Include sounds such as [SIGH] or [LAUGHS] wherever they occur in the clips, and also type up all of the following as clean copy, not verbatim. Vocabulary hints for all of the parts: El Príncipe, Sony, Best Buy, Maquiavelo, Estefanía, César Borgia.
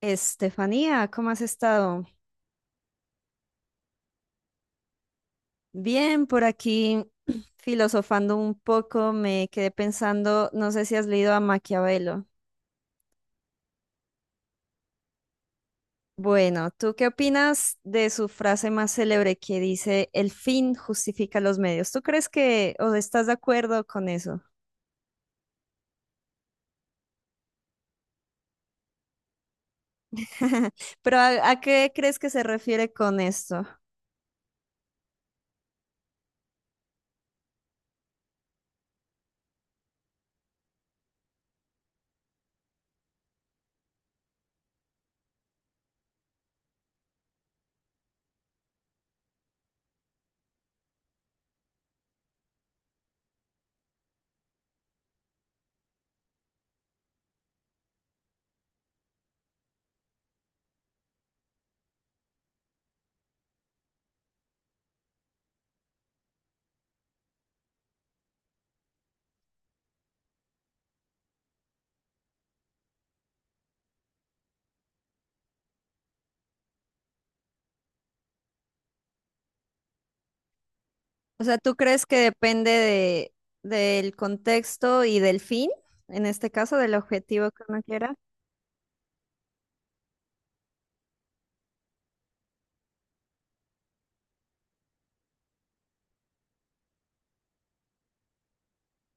Estefanía, ¿cómo has estado? Bien, por aquí [CLEARS THROAT] filosofando un poco, me quedé pensando, no sé si has leído a Maquiavelo. Bueno, ¿tú qué opinas de su frase más célebre que dice, el fin justifica los medios? ¿Tú crees que o estás de acuerdo con eso? [LAUGHS] Pero ¿a qué crees que se refiere con esto? O sea, ¿tú crees que depende del contexto y del fin, en este caso, del objetivo que uno quiera?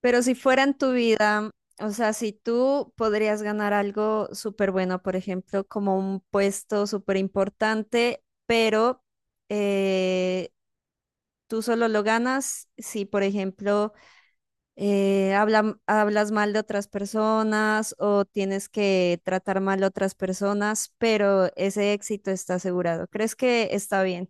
Pero si fuera en tu vida, o sea, si tú podrías ganar algo súper bueno, por ejemplo, como un puesto súper importante, pero eh, tú solo lo ganas si, por ejemplo, hablas mal de otras personas o tienes que tratar mal a otras personas, pero ese éxito está asegurado. ¿Crees que está bien?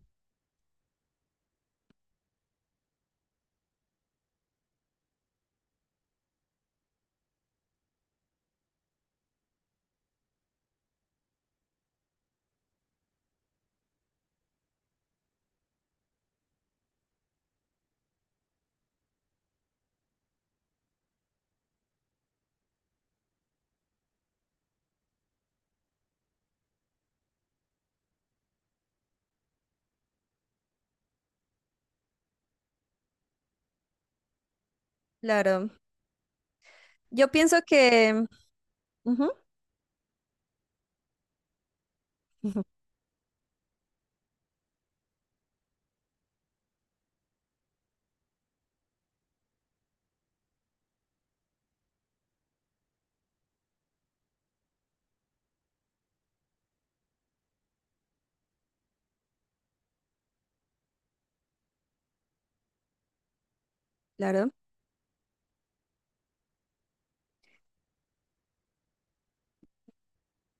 Claro. Yo pienso que, ujú, ujú, claro.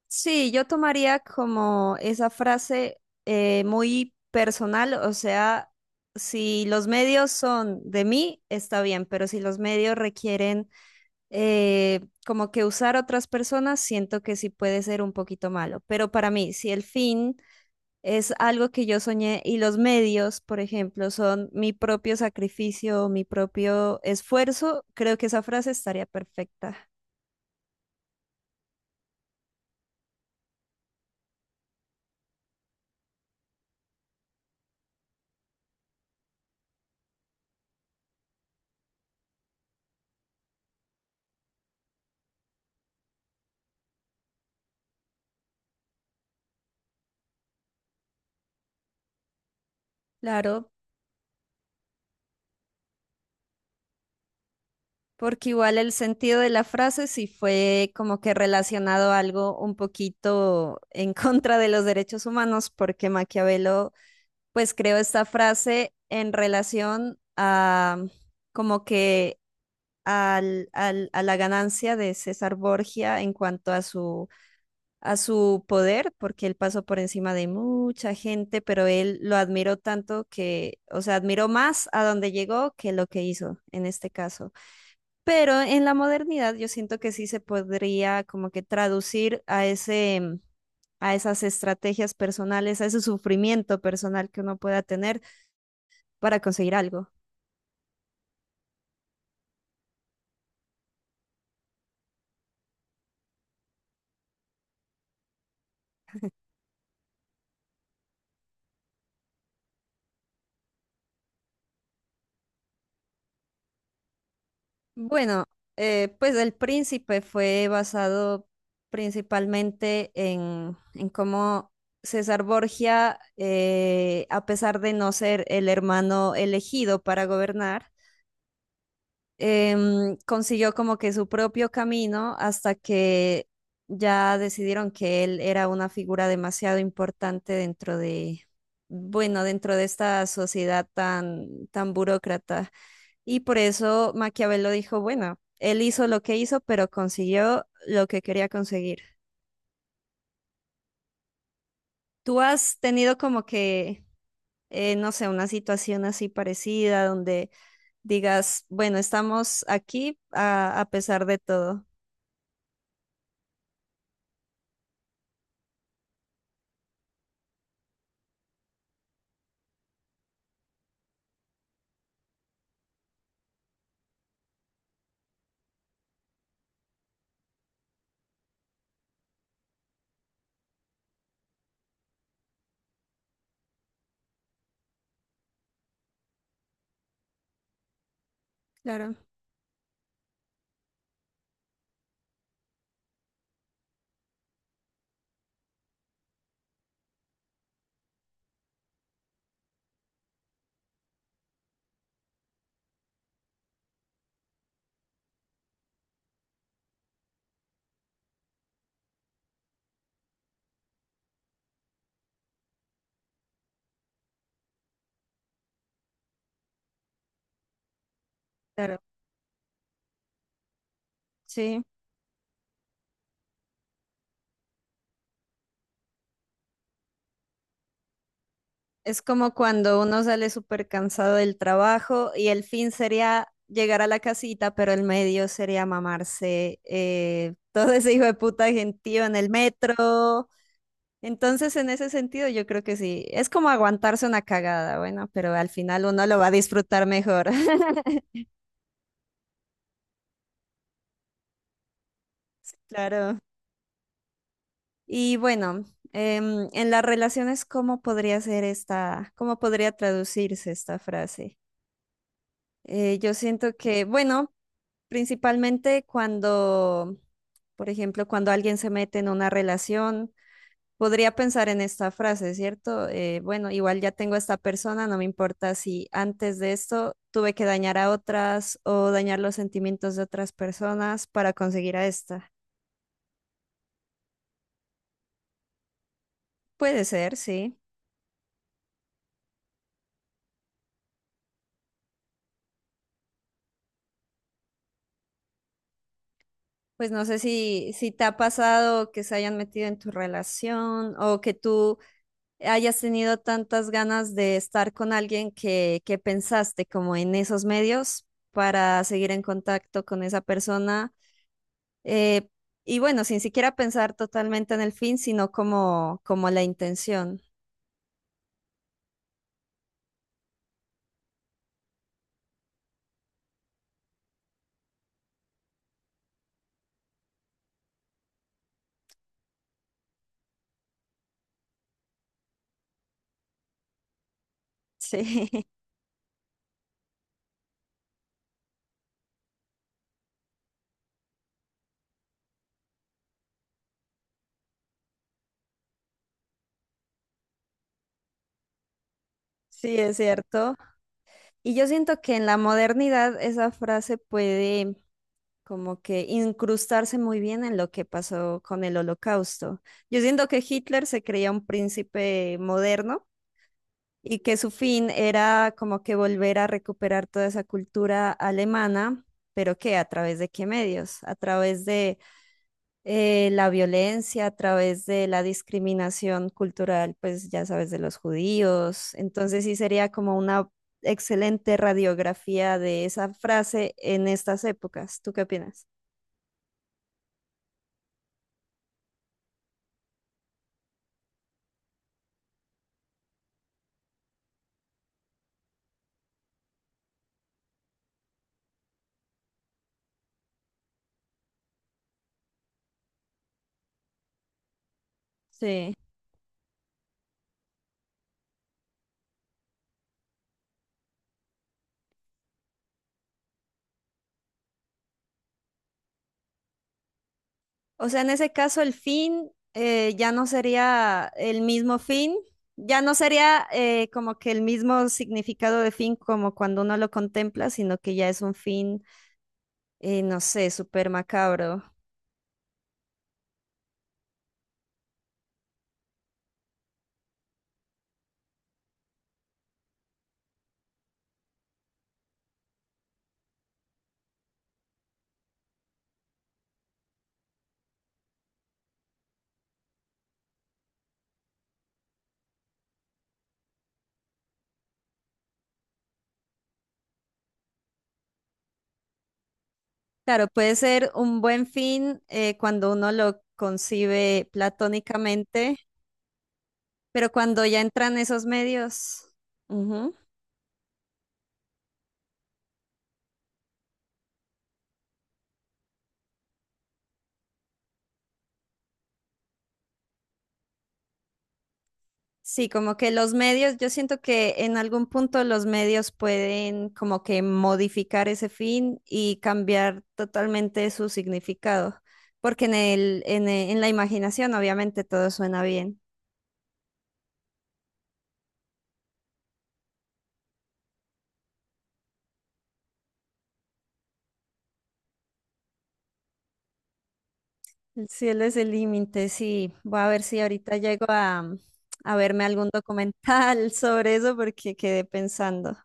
Sí, yo tomaría como esa frase muy personal, o sea, si los medios son de mí, está bien, pero si los medios requieren eh, como que usar otras personas, siento que sí puede ser un poquito malo. Pero para mí, si el fin es algo que yo soñé y los medios, por ejemplo, son mi propio sacrificio, mi propio esfuerzo, creo que esa frase estaría perfecta. Claro. Porque igual el sentido de la frase sí fue como que relacionado a algo un poquito [LAUGHS] en contra de los derechos humanos, porque Maquiavelo pues creó esta frase en relación a como que a la ganancia de César Borgia en cuanto a a su poder, porque él pasó por encima de mucha gente, pero él lo admiró tanto que, o sea, admiró más a donde llegó que lo que hizo en este caso. Pero en la modernidad yo siento que sí se podría como que traducir a ese, a esas estrategias personales, a ese sufrimiento personal que uno pueda tener para conseguir algo. Bueno, pues El Príncipe fue basado principalmente en cómo César Borgia, a pesar de no ser el hermano elegido para gobernar, consiguió como que su propio camino hasta que ya decidieron que él era una figura demasiado importante dentro de, bueno, dentro de esta sociedad tan, tan burócrata. Y por eso Maquiavelo dijo, bueno, él hizo lo que hizo, pero consiguió lo que quería conseguir. ¿Tú has tenido como que, no sé, una situación así parecida donde digas, bueno, estamos aquí a pesar de todo? Claro, claro. Sí, es como cuando uno sale súper cansado del trabajo y el fin sería llegar a la casita, pero el medio sería mamarse [LAUGHS] todo ese hijo de puta gentío en el metro. Entonces, en ese sentido, yo creo que sí, es como aguantarse una cagada, bueno, pero al final uno lo va a disfrutar mejor. [LAUGHS] Claro. Y bueno, en las relaciones, ¿cómo podría ser esta, cómo podría traducirse esta frase? Yo siento que, bueno, principalmente cuando, por ejemplo, cuando alguien se mete en una relación, podría pensar en esta frase, ¿cierto? Bueno, igual ya tengo a esta persona, no me importa si antes de esto tuve que dañar a otras o dañar los sentimientos de otras personas para conseguir a esta. Puede ser, sí. Pues no sé si te ha pasado que se hayan metido en tu relación o que tú hayas tenido tantas ganas de estar con alguien que pensaste como en esos medios para seguir en contacto con esa persona. eh, y bueno, sin siquiera pensar totalmente en el fin, sino como, como la intención. Sí, [LAUGHS] sí, es cierto. Y yo siento que en la modernidad esa frase puede como que incrustarse muy bien en lo que pasó con el Holocausto. Yo siento que Hitler se creía un príncipe moderno y que su fin era como que volver a recuperar toda esa cultura alemana, pero qué, a través de qué medios, a través de la violencia, a través de la discriminación cultural, pues ya sabes, de los judíos. Entonces sí sería como una excelente radiografía de esa frase en estas épocas. ¿Tú qué opinas? Sí. O sea, en ese caso el fin ya no sería el mismo fin, ya no sería como que el mismo significado de fin como cuando uno lo contempla, sino que ya es un fin, no sé, súper macabro. Claro, puede ser un buen fin cuando uno lo concibe platónicamente, pero cuando ya entran esos medios. Sí, como que los medios, yo siento que en algún punto los medios pueden como que modificar ese fin y cambiar totalmente su significado, porque en el, en la imaginación obviamente todo suena bien. El cielo es el límite, sí. Voy a ver si ahorita llego a verme algún documental [LAUGHS] sobre eso porque quedé pensando.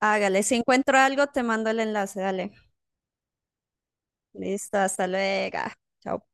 Hágale, si encuentro algo, te mando el enlace, dale. Listo, hasta luego. Chao.